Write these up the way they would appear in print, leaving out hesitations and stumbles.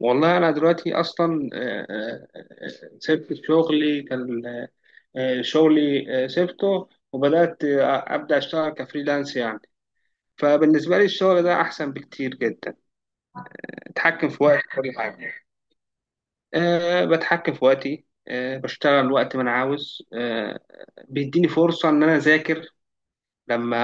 والله أنا دلوقتي أصلا سبت شغلي كان شغلي سبته، وبدأت أبدأ أشتغل كفريلانس يعني. فبالنسبة لي الشغل ده أحسن بكتير جدا. أتحكم في وقتي، كل حاجة. أه، بتحكم في وقتي، أه بشتغل وقت ما أنا عاوز. أه، بيديني فرصة إن أنا أذاكر لما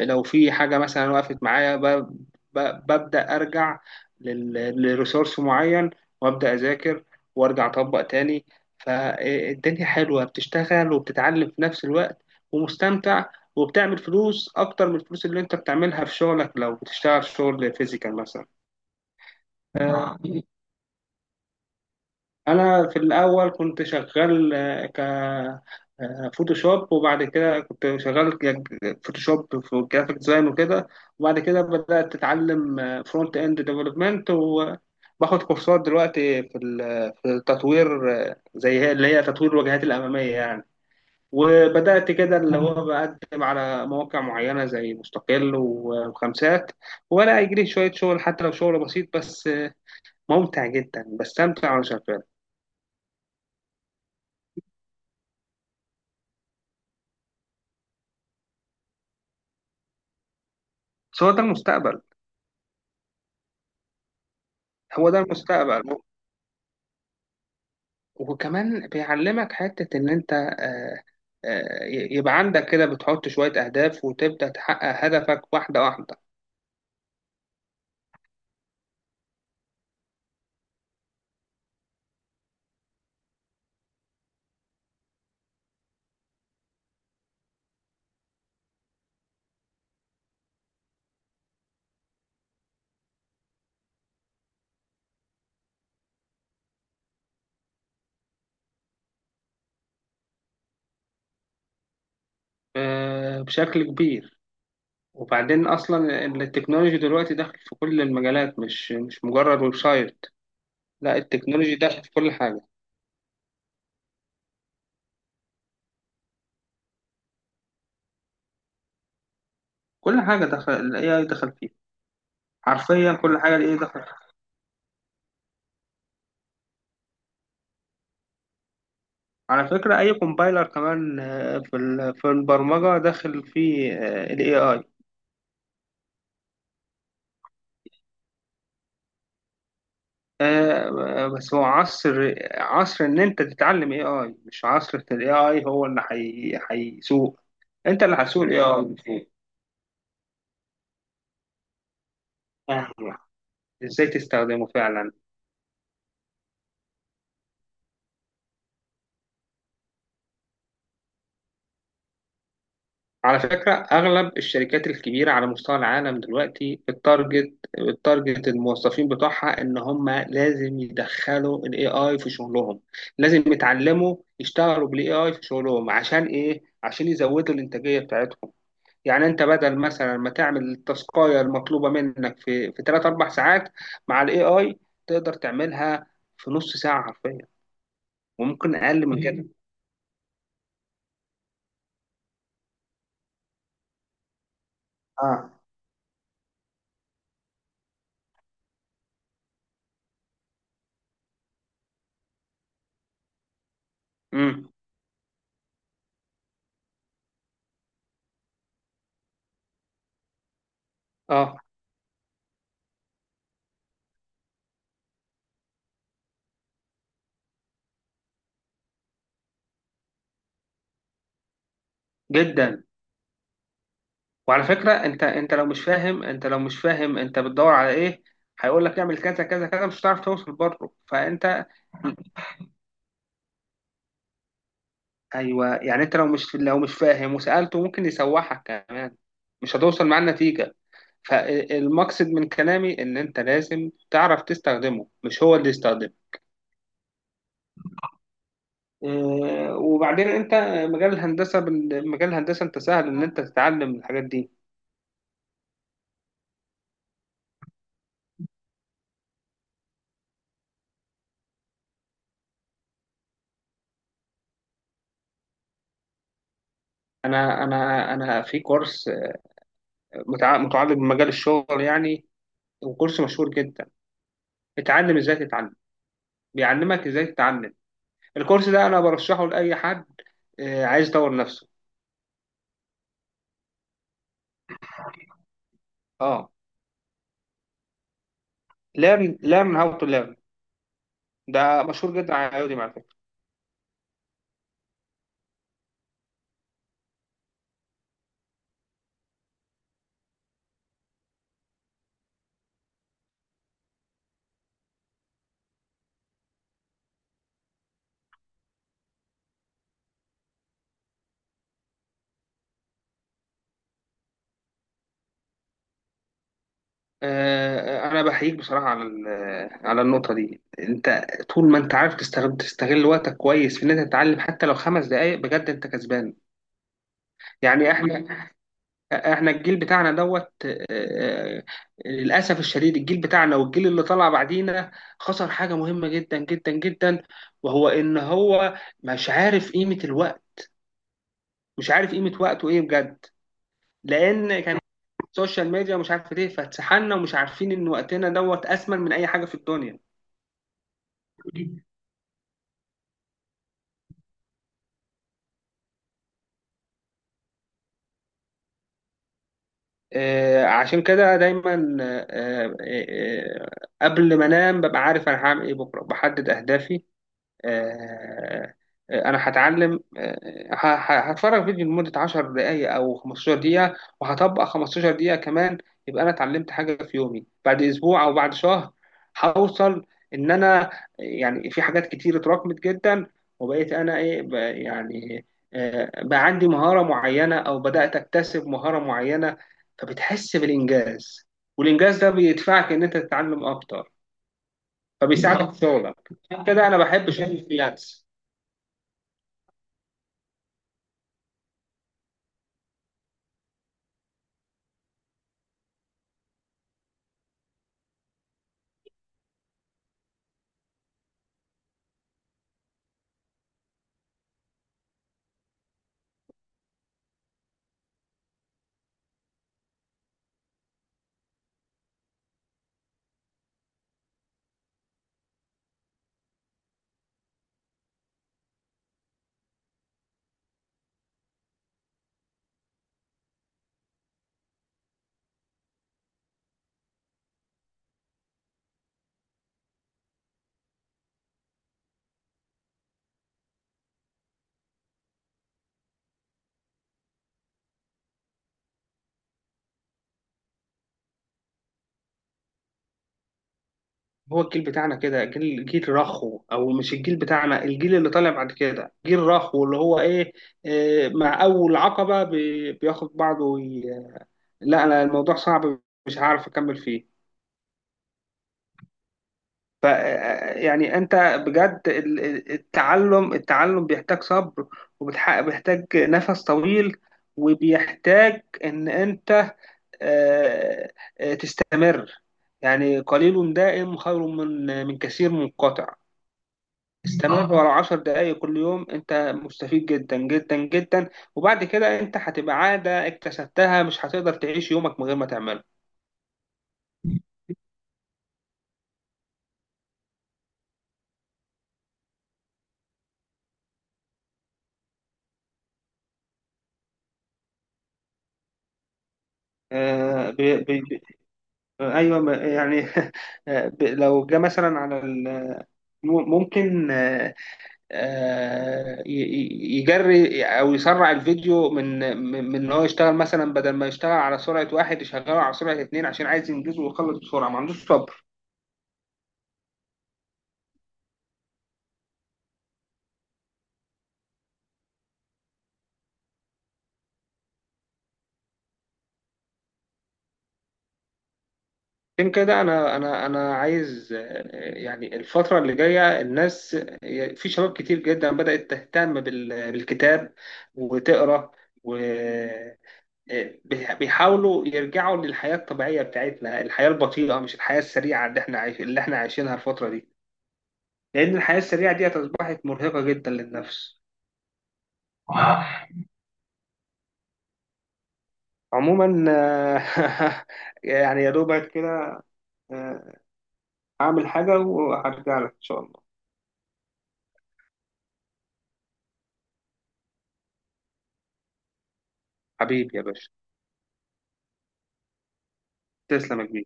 لو في حاجة مثلا وقفت معايا. ب- ببدأ أرجع لريسورس معين، وأبدأ أذاكر، وأرجع أطبق تاني. فالدنيا حلوة، بتشتغل وبتتعلم في نفس الوقت، ومستمتع، وبتعمل فلوس أكتر من الفلوس اللي أنت بتعملها في شغلك لو بتشتغل شغل فيزيكال. مثلا، انا في الاول كنت شغال آه، ك آه، فوتوشوب، وبعد كده كنت شغال فوتوشوب في جرافيك ديزاين وكده. وبعد كده بدأت اتعلم فرونت اند ديفلوبمنت، وباخد كورسات دلوقتي في في التطوير، زي اللي هي تطوير الواجهات الأمامية يعني. وبدأت كده، اللي هو بقدم على مواقع معينة زي مستقل وخمسات، ولا يجري شوية شغل حتى لو شغل بسيط، بس ممتع جدا، بستمتع وأنا شغال. بس هو ده المستقبل. هو ده المستقبل، وكمان بيعلمك حتة إن أنت يبقى عندك كده بتحط شوية أهداف وتبدأ تحقق هدفك واحدة واحدة. بشكل كبير. وبعدين أصلا التكنولوجي دلوقتي داخل في كل المجالات، مش مجرد ويب سايت. لا، التكنولوجي داخل في كل حاجة. كل حاجة دخل ال AI دخل فيها. حرفيا كل حاجة ال AI دخل فيها. على فكرة، أي كومبايلر كمان في في البرمجة داخل فيه ال AI. آه، بس هو عصر ان انت تتعلم اي اي، مش عصر ان الاي اي هو اللي هيسوق. انت اللي هتسوق الاي اي، مش هو. فاهم. ازاي تستخدمه فعلا. على فكرة، اغلب الشركات الكبيرة على مستوى العالم دلوقتي التارجت الموظفين بتوعها ان هم لازم يدخلوا الاي اي في شغلهم. لازم يتعلموا يشتغلوا بالاي اي في شغلهم. عشان ايه؟ عشان يزودوا الانتاجية بتاعتهم. يعني انت بدل مثلا ما تعمل التاسكايه المطلوبه منك في 3 4 ساعات، مع الاي اي تقدر تعملها في نص ساعه حرفيا. وممكن اقل من كده. اه. امم. اه، جدا. وعلى فكره، انت لو مش فاهم، انت بتدور على ايه؟ هيقول لك اعمل كذا كذا كذا، مش هتعرف توصل برضه. فانت، ايوه، يعني انت لو مش فاهم وسالته، ممكن يسوحك كمان. مش هتوصل معاه النتيجه. فالمقصد من كلامي ان انت لازم تعرف تستخدمه، مش هو اللي يستخدمه. وبعدين انت، مجال الهندسه، انت سهل ان انت تتعلم الحاجات دي. انا في كورس متعلق بمجال الشغل يعني، وكورس مشهور جدا. اتعلم ازاي تتعلم. بيعلمك ازاي تتعلم. الكورس ده انا برشحه لاي حد عايز يطور نفسه. اه. learn learn how to learn. ده مشهور جدا على يوديمي على فكرة. انا بحييك بصراحه على على النقطه دي. انت طول ما انت عارف تستغل وقتك كويس في ان انت تتعلم حتى لو 5 دقائق، بجد انت كسبان. يعني احنا الجيل بتاعنا دوت. للاسف الشديد، الجيل بتاعنا والجيل اللي طلع بعدينا خسر حاجه مهمه جدا جدا جدا، وهو ان هو مش عارف قيمه الوقت. مش عارف قيمه وقته ايه بجد. لان كان السوشيال ميديا، مش عارف ايه، فاتسحلنا، ومش عارفين ان وقتنا دوت اثمن من اي حاجه في الدنيا. عشان كده دايما، قبل ما انام ببقى عارف انا هعمل ايه بكره، بحدد اهدافي. آه، انا هتعلم، هتفرج فيديو لمدة 10 دقايق او 15 دقيقة، وهطبق 15 دقيقة كمان. يبقى انا اتعلمت حاجة في يومي. بعد اسبوع او بعد شهر هوصل ان انا، يعني في حاجات كتير اتراكمت جدا. وبقيت انا ايه، يعني بقى عندي مهارة معينة، او بدأت اكتسب مهارة معينة. فبتحس بالانجاز، والانجاز ده بيدفعك ان انت تتعلم اكتر، فبيساعدك في شغلك عشان كده انا بحب شغل الفريلانس. هو الجيل بتاعنا كده، جيل رخو، او مش الجيل بتاعنا، الجيل اللي طالع بعد كده جيل رخو، اللي هو ايه، مع اول عقبة بياخد بعضه لا، انا الموضوع صعب، مش هعرف اكمل فيه. ف يعني انت بجد، التعلم بيحتاج صبر، وبيحتاج نفس طويل، وبيحتاج ان انت آه، تستمر. يعني قليل دائم خير من كثير منقطع. استمر ورا 10 دقايق كل يوم، انت مستفيد جدا جدا جدا. وبعد كده انت هتبقى عادة اكتسبتها، مش هتقدر تعيش يومك من غير ما تعمله. آه بي بي بي ايوه، يعني لو جه مثلا على ممكن يجري او يسرع الفيديو من ان هو يشتغل مثلا، بدل ما يشتغل على سرعة واحد يشغله على سرعة اتنين، عشان عايز ينجزه ويخلص بسرعة، ما عندوش صبر. عشان كده انا عايز، يعني الفتره اللي جايه الناس، في شباب كتير جدا بدات تهتم بالكتاب، وتقرا، و بيحاولوا يرجعوا للحياه الطبيعيه بتاعتنا، الحياه البطيئه، مش الحياه السريعه اللي احنا عايشينها الفتره دي. لان الحياه السريعه دي اصبحت مرهقه جدا للنفس. عموما يعني يا دوبك كده. آه، اعمل حاجه وهرجع لك ان شاء الله. حبيبي يا باشا. تسلم يا كبير.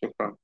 شكرا.